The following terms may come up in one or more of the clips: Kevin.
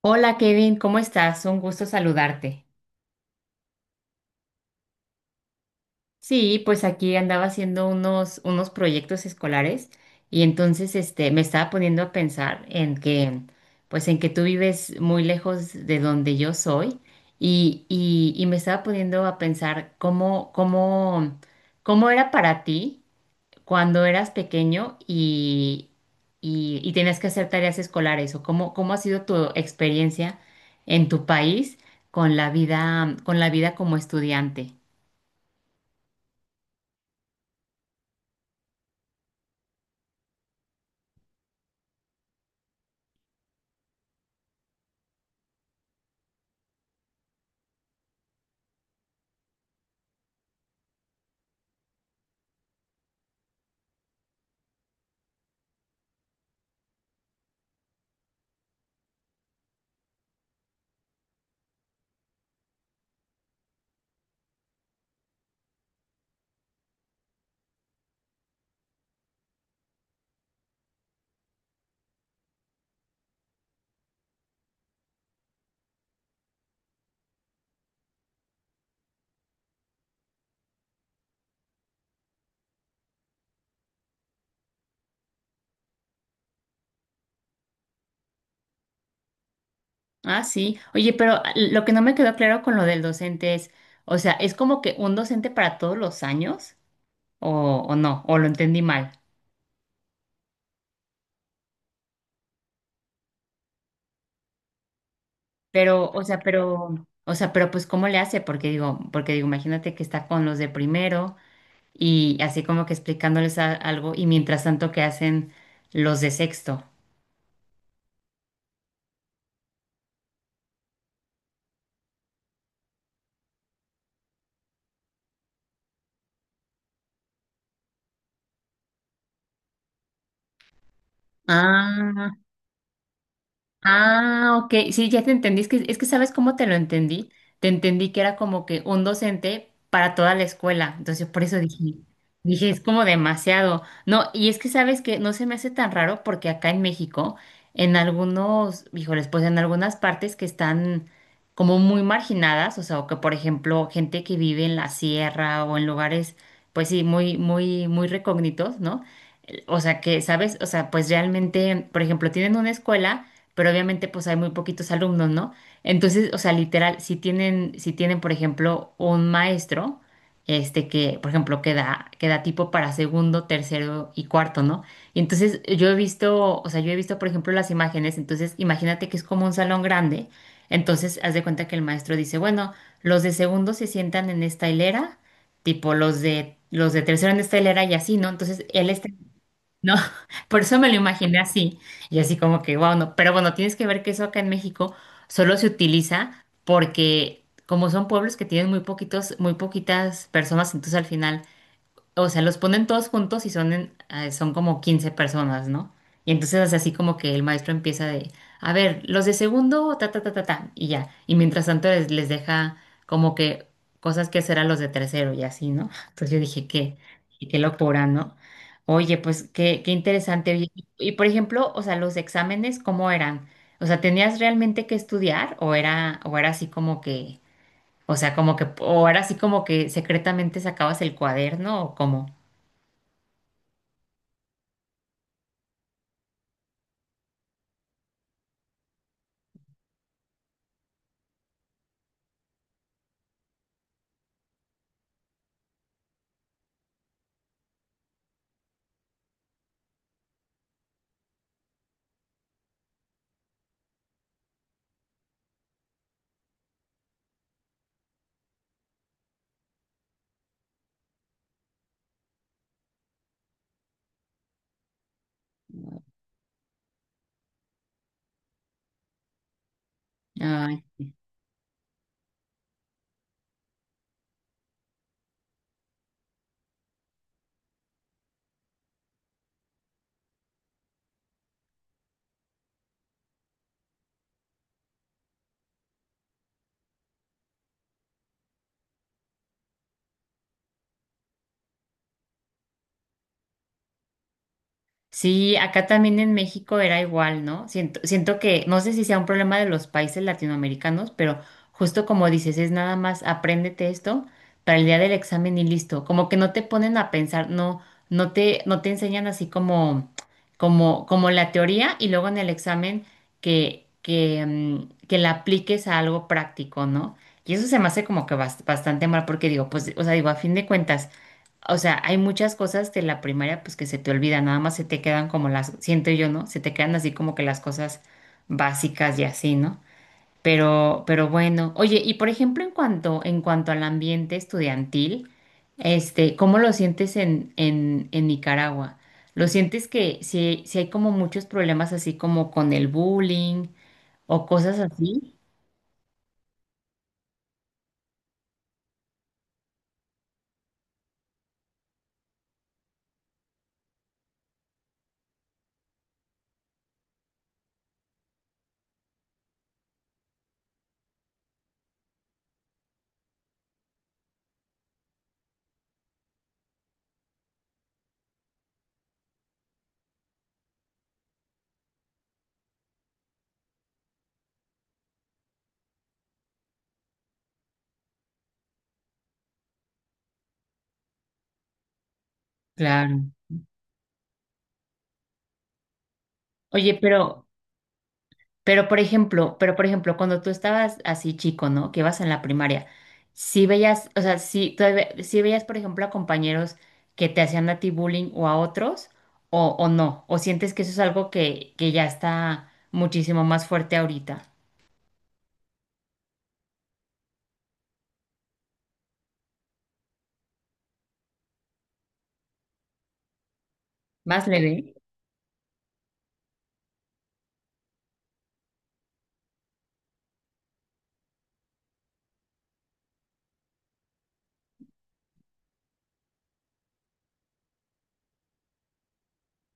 Hola Kevin, ¿cómo estás? Un gusto saludarte. Sí, pues aquí andaba haciendo unos proyectos escolares y entonces me estaba poniendo a pensar en que, pues en que tú vives muy lejos de donde yo soy y me estaba poniendo a pensar cómo era para ti cuando eras pequeño y tenías que hacer tareas escolares o cómo ha sido tu experiencia en tu país con la vida como estudiante. Ah, sí. Oye, pero lo que no me quedó claro con lo del docente es, o sea, ¿es como que un docente para todos los años? ¿O, o no? ¿O lo entendí mal? Pero, o sea, pero, o sea, pero pues ¿cómo le hace? Porque digo, imagínate que está con los de primero, y así como que explicándoles algo y mientras tanto que hacen los de sexto. Ah. Ah, ok. Sí, ya te entendí. Es que ¿sabes cómo te lo entendí? Te entendí que era como que un docente para toda la escuela. Entonces, por eso dije, es como demasiado. No, y es que sabes que no se me hace tan raro porque acá en México, en algunos, híjoles, pues en algunas partes que están como muy marginadas, o sea, o que por ejemplo, gente que vive en la sierra o en lugares, pues sí, muy, muy, muy recógnitos, ¿no? O sea, que, ¿sabes? O sea, pues realmente, por ejemplo, tienen una escuela pero obviamente pues hay muy poquitos alumnos, ¿no? Entonces, o sea, literal, si tienen, por ejemplo, un maestro, este que, por ejemplo, queda tipo para segundo, tercero y cuarto, ¿no? Y entonces yo he visto, o sea, yo he visto, por ejemplo, las imágenes, entonces imagínate que es como un salón grande, entonces haz de cuenta que el maestro dice, bueno, los de segundo se sientan en esta hilera, tipo los de tercero en esta hilera y así, ¿no? Entonces él está no, por eso me lo imaginé así. Y así como que, wow, no. Pero bueno, tienes que ver que eso acá en México solo se utiliza porque como son pueblos que tienen muy poquitos, muy poquitas personas, entonces al final o sea, los ponen todos juntos y son, son como 15 personas, ¿no? Y entonces es así como que el maestro empieza de, a ver, los de segundo, ta, ta, ta, ta, ta, y ya. Y mientras tanto les deja como que cosas que hacer a los de tercero y así, ¿no? Entonces yo dije, qué, y qué locura, ¿no? Oye, pues qué, qué interesante. Oye, Y, y, por ejemplo, o sea, los exámenes, ¿cómo eran? O sea, ¿tenías realmente que estudiar o era así como que, o sea, como que, o era así como que secretamente sacabas el cuaderno o cómo? Ay, sí, acá también en México era igual, ¿no? Siento, siento que, no sé si sea un problema de los países latinoamericanos, pero justo como dices, es nada más apréndete esto para el día del examen y listo. Como que no te ponen a pensar, no, no te enseñan así como, como, como la teoría y luego en el examen que, que la apliques a algo práctico, ¿no? Y eso se me hace como que bastante mal porque digo, pues, o sea, digo, a fin de cuentas. O sea, hay muchas cosas de la primaria pues que se te olvidan, nada más se te quedan como las, siento yo, ¿no? Se te quedan así como que las cosas básicas y así, ¿no? Pero bueno, oye, y por ejemplo, en cuanto al ambiente estudiantil, ¿cómo lo sientes en Nicaragua? ¿Lo sientes que si, si hay como muchos problemas así como con el bullying o cosas así? Claro. Oye, pero pero por ejemplo, cuando tú estabas así chico, ¿no? Que ibas en la primaria, si veías, o sea, si todavía, si veías, por ejemplo, a compañeros que te hacían a ti bullying o a otros, o no, o sientes que eso es algo que ya está muchísimo más fuerte ahorita, más leve.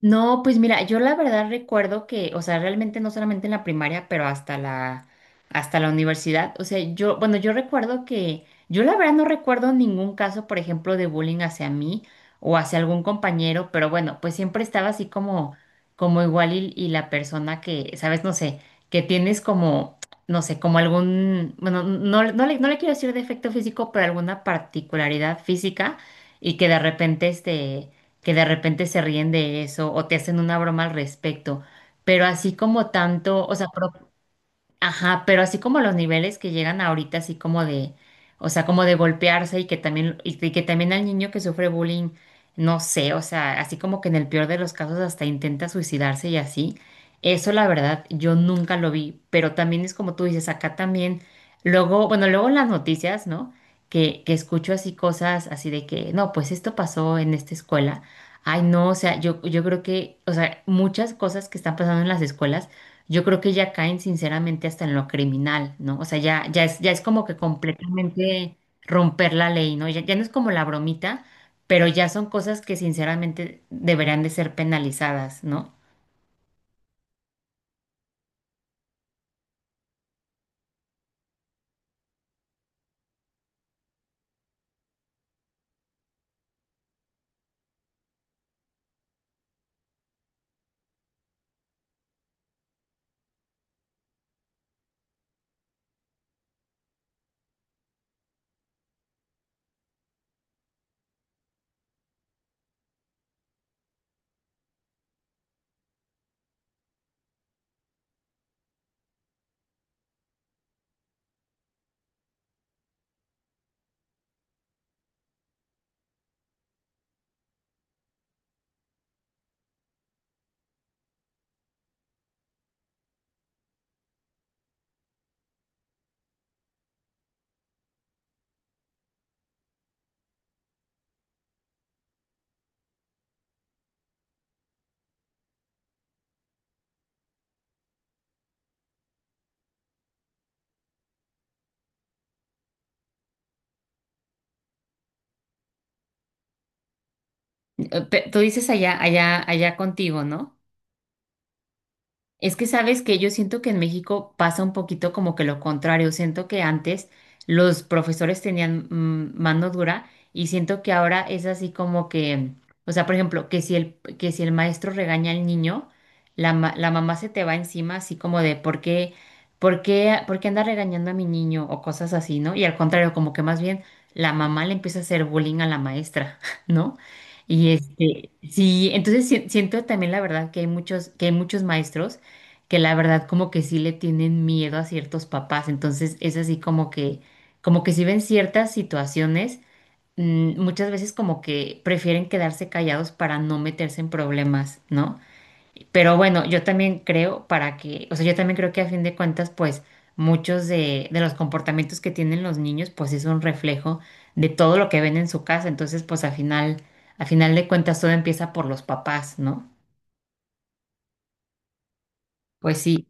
No, pues mira, yo la verdad recuerdo que, o sea, realmente no solamente en la primaria, pero hasta la universidad. O sea, yo, bueno, yo recuerdo que, yo la verdad no recuerdo ningún caso, por ejemplo, de bullying hacia mí o hacia algún compañero, pero bueno, pues siempre estaba así como, como igual y la persona que, sabes, no sé, que tienes como, no sé, como algún, bueno, no, no le quiero decir defecto físico, pero alguna particularidad física y que de repente, que de repente se ríen de eso o te hacen una broma al respecto, pero así como tanto, o sea, Ajá, pero así como los niveles que llegan ahorita, así como de, o sea, como de golpearse y que también, y que también al niño que sufre bullying, no sé, o sea, así como que en el peor de los casos hasta intenta suicidarse y así. Eso la verdad, yo nunca lo vi, pero también es como tú dices, acá también, luego, bueno, luego en las noticias, ¿no? Que escucho así cosas así de que, no, pues esto pasó en esta escuela. Ay, no, o sea, yo creo que, o sea, muchas cosas que están pasando en las escuelas yo creo que ya caen sinceramente hasta en lo criminal, ¿no? O sea, ya, ya es como que completamente romper la ley, ¿no? Ya, ya no es como la bromita, pero ya son cosas que sinceramente deberían de ser penalizadas, ¿no? Tú dices allá, allá, allá contigo, ¿no? Es que sabes que yo siento que en México pasa un poquito como que lo contrario. Siento que antes los profesores tenían mano dura y siento que ahora es así como que, o sea, por ejemplo, que si el maestro regaña al niño, la mamá se te va encima así como de ¿por qué, por qué anda regañando a mi niño? O cosas así, ¿no? Y al contrario, como que más bien la mamá le empieza a hacer bullying a la maestra, ¿no? Y este, sí, entonces siento también la verdad que hay muchos maestros que la verdad como que sí le tienen miedo a ciertos papás. Entonces es así como que si ven ciertas situaciones, muchas veces como que prefieren quedarse callados para no meterse en problemas, ¿no? Pero bueno, yo también creo para que, o sea, yo también creo que a fin de cuentas, pues muchos de los comportamientos que tienen los niños, pues es un reflejo de todo lo que ven en su casa. Entonces, pues a final de cuentas todo empieza por los papás, ¿no? Pues sí.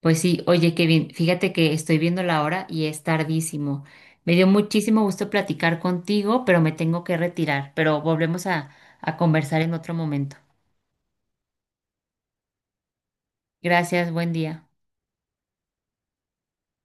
Pues sí, oye Kevin, fíjate que estoy viendo la hora y es tardísimo. Me dio muchísimo gusto platicar contigo, pero me tengo que retirar, pero volvemos a conversar en otro momento. Gracias, buen día.